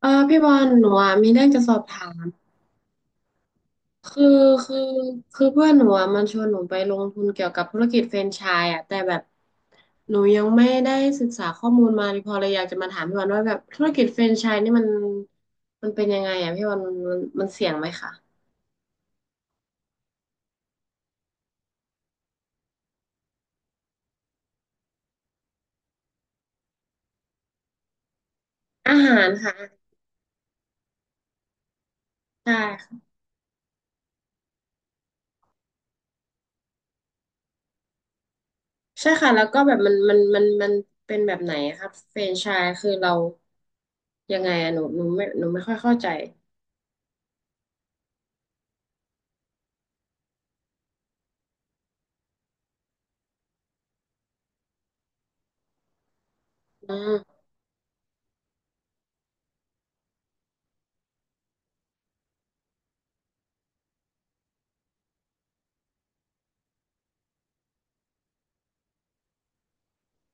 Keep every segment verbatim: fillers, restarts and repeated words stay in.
เออพี่บอลหนูอ่ะมีเรื่องจะสอบถามคือคือคือเพื่อนหนูอ่ะมันชวนหนูไปลงทุนเกี่ยวกับธุรกิจแฟรนไชส์อ่ะแต่แบบหนูยังไม่ได้ศึกษาข้อมูลมาพอเลยอยากจะมาถามพี่บอลว่าแบบธุรกิจแฟรนไชส์นี่มันมันเป็นยังไงอ่ะพี่บอลมันมันมันเสี่ยงไหมคะอาหารค่ะใช่ค่ะใช่ค่ะแล้วก็แบบมันมันมันมันเป็นแบบไหนอะครับแฟรนไชส์คือเรายังไงอ่ะหนูหนูไม่หนูไม่ค่อยเข้าใจอืม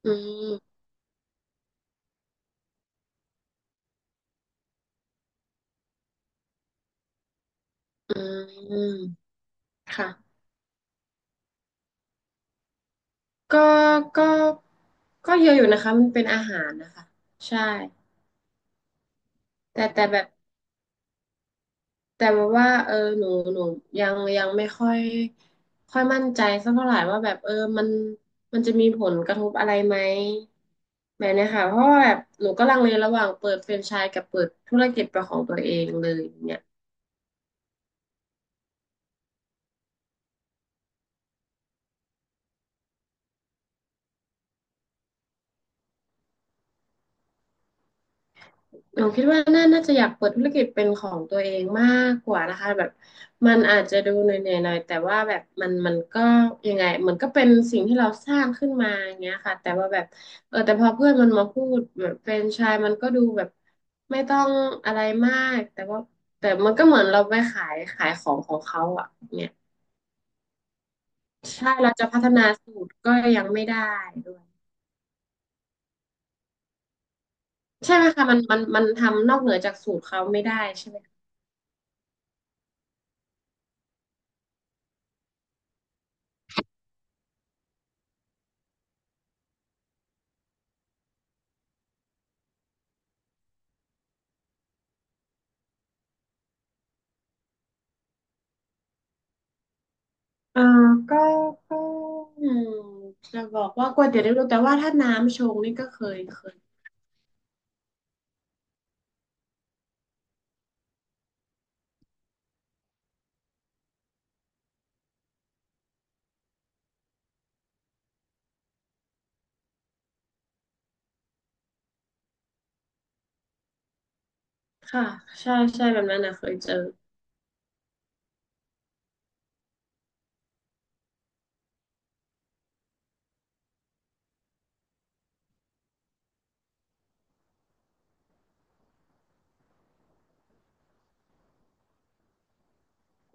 อืมอืมค่ะ ก็ก็ก็เยอะอยู่นะคะมันเป็นอาหารนะคะใช่แต่แต่แบบแต่ว่าเออหนูหนูยังยังไม่ค่อยค่อยมั่นใจสักเท่าไหร่ว่าแบบเออมันมันจะมีผลกระทบอะไรไหมแบบเนี้ยค่ะเพราะว่าแบบหนูก็ลังเลระหว่างเปิดแฟรนไชส์กับเปิดธุรกิจเป็นของตัวเองเลยอย่างเนี่ย หนูคิดว่าน่าน่าจะอยากเปิดธุรกิจเป็นของตัวเองมากกว่านะคะแบบมันอาจจะดูเหนื่อยๆหน่อยแต่ว่าแบบมันมันก็ยังไงมันก็เป็นสิ่งที่เราสร้างขึ้นมาอย่างเงี้ยค่ะแต่ว่าแบบเออแต่พอเพื่อนมันมาพูดแบบแฟรนไชส์มันก็ดูแบบไม่ต้องอะไรมากแต่ว่าแต่มันก็เหมือนเราไปขายขายของของเขาอ่ะเนี่ยใช่เราจะพัฒนาสูตรก็ยังไม่ได้ด้วยใช่ไหมคะมันมันมันทำนอกเหนือจากสูตรเขาไม่ได้ใช่ไหม เออก็ก็อืมจะบอกว่าก๋วยเตี๋ยวเรือแต่ว่าถ้าน้ำชงนี่ก็เคยเคยค่ะใช่ใช่แบบนั้นนะเคยเจอ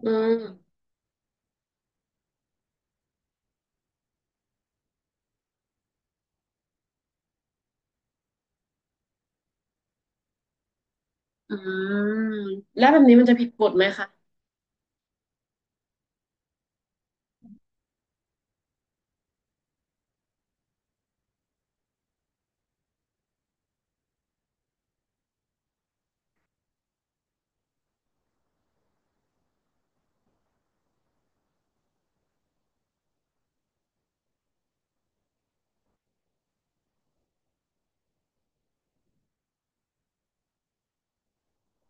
อืมอืมแล้วแบบนี้มันจะผิดกฎไหมคะ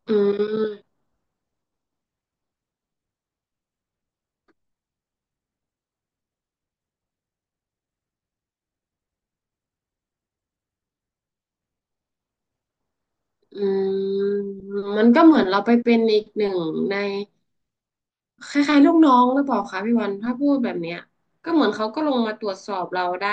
อืมอืมมันก็เหมือนเราไปเป็นอีกหนึ่งในคล้ายๆลูกน้องหรือเปล่าคะพี่วันถ้าพูดแบบเนี้ยก็เหมือนเขาก็ลงมาตรวจสอบเราได้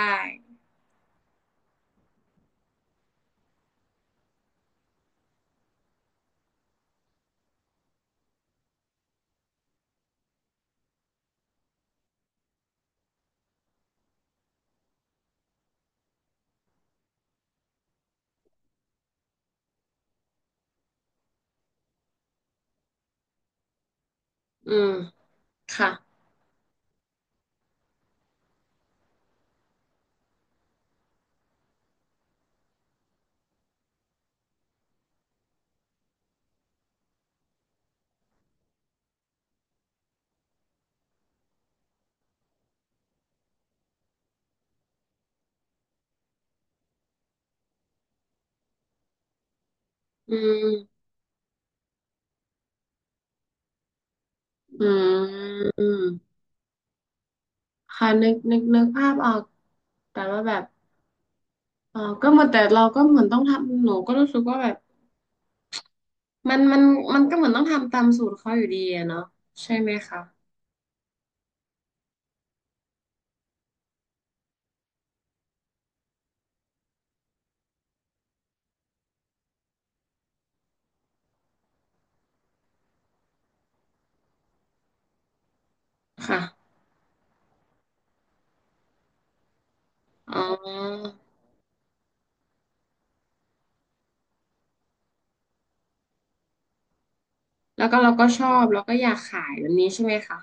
อืมค่ะอืมอืมอืมค่ะนึกนึกนึกภาพออกแต่ว่าแบบ เออก็เหมือนแต่เราก็เหมือนต้องทำหนูก็รู้สึกว่าแบบมันมันมันก็เหมือนต้องทำตามสูตรเขาอยู่ดีอะเนาะใช่ไหมคะค่ะอ๋อแล้วก็เราก็ชอบแล้วก็อยากขายแบบนี้ใช่ไหมคะ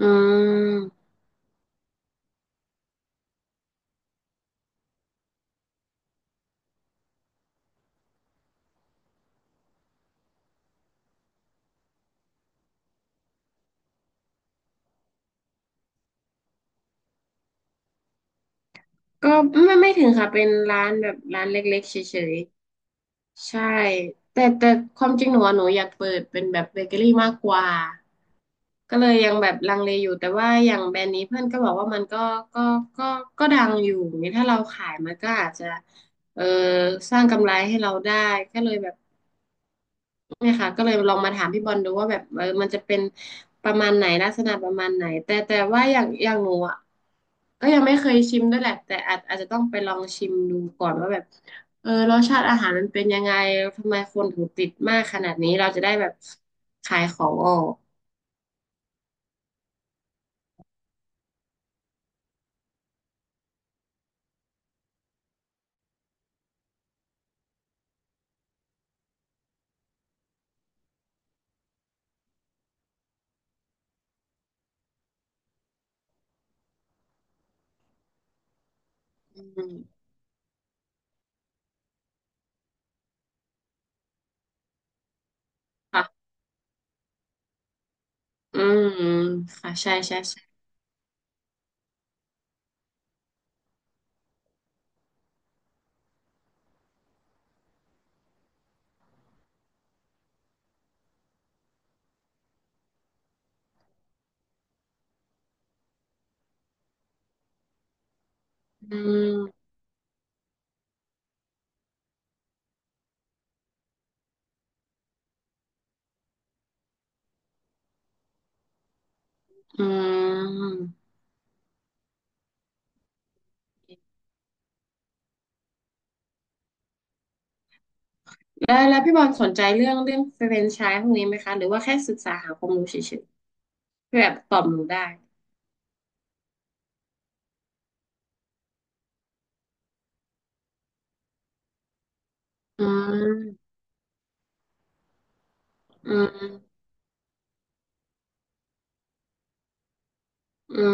อืมก็ไม่ไม่ถึงค่ะเป็นร้านแบบร้านเล็กๆเฉย ใช่แต่แต่ความจริงหนูอะหนูอยากเปิดเป็นแบบเบเกอรี่มากกว่าก็เลยยังแบบลังเลอยู่แต่ว่าอย่างแบรนด์นี้เพื่อนก็บอกว่ามันก็ก็ก็ก็ดังอยู่นี่ถ้าเราขายมันก็อาจจะเออสร้างกำไรให้เราได้ก็เลยแบบ เนี่ยค่ะก็เลยลองมาถามพี่บอลดูว่าแบบเออมันจะเป็นประมาณไหนลักษณะประมาณไหนแต่แต่ว่าอย่างอย่างหนูอ่ะก็ยังไม่เคยชิมด้วยแหละแต่อาจอาจจะต้องไปลองชิมดูก่อนว่าแบบเออรสชาติอาหารมันเป็นยังไงทำไมคนถึงติดมากขนาดนี้เราจะได้แบบขายของออกอืมค่ะอืมค่ะใช่ใช่ใช่อืมอืมแล้วแล้วพี่บอลสนใจเรื่องเรื่องแฟรนไชส์พวกนี้ไหมคะหรือว่าแค่ศึกษาหาความรู้เฉยๆเพื่อแบบตอบหนูได้ อืมอืมอื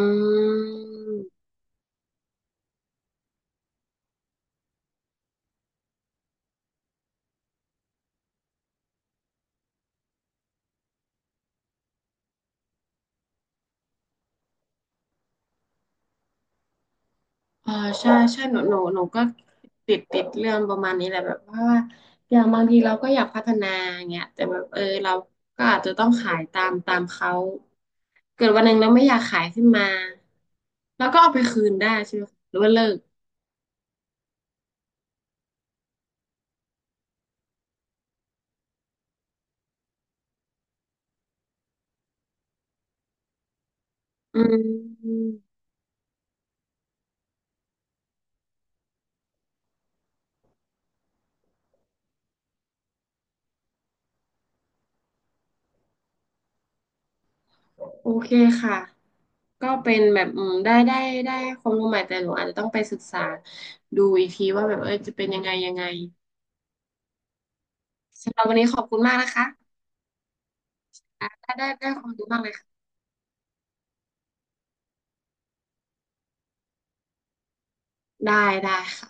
มอ่าใช่ใช่หนูหนูหนูก็ติดติดเรื่องประมาณนี้แหละแบบว่าอย่างบางทีเราก็อยากพัฒนาอย่างเงี้ยแต่แบบเออเราก็อาจจะต้องขายตามตามเขาเกิดวันหนึ่งเราไม่อยากขายขึ้นมาเราก็เอาไปคืนได้ใช่ไหมคะหรือว่าเลิกอืมโอเคค่ะก็เป็นแบบอืมได้ได้ได้ความรู้ใหม่แต่หนูอาจจะต้องไปศึกษาดูอีกทีว่าแบบเออจะเป็นยังไงยังไง สำหรับวันนี้ขอบคุณมากนะคะอ่ะได้ได้ได้ความรู้มากเลยค่ะ ได้ได้ค่ะ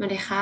มาเลยค่ะ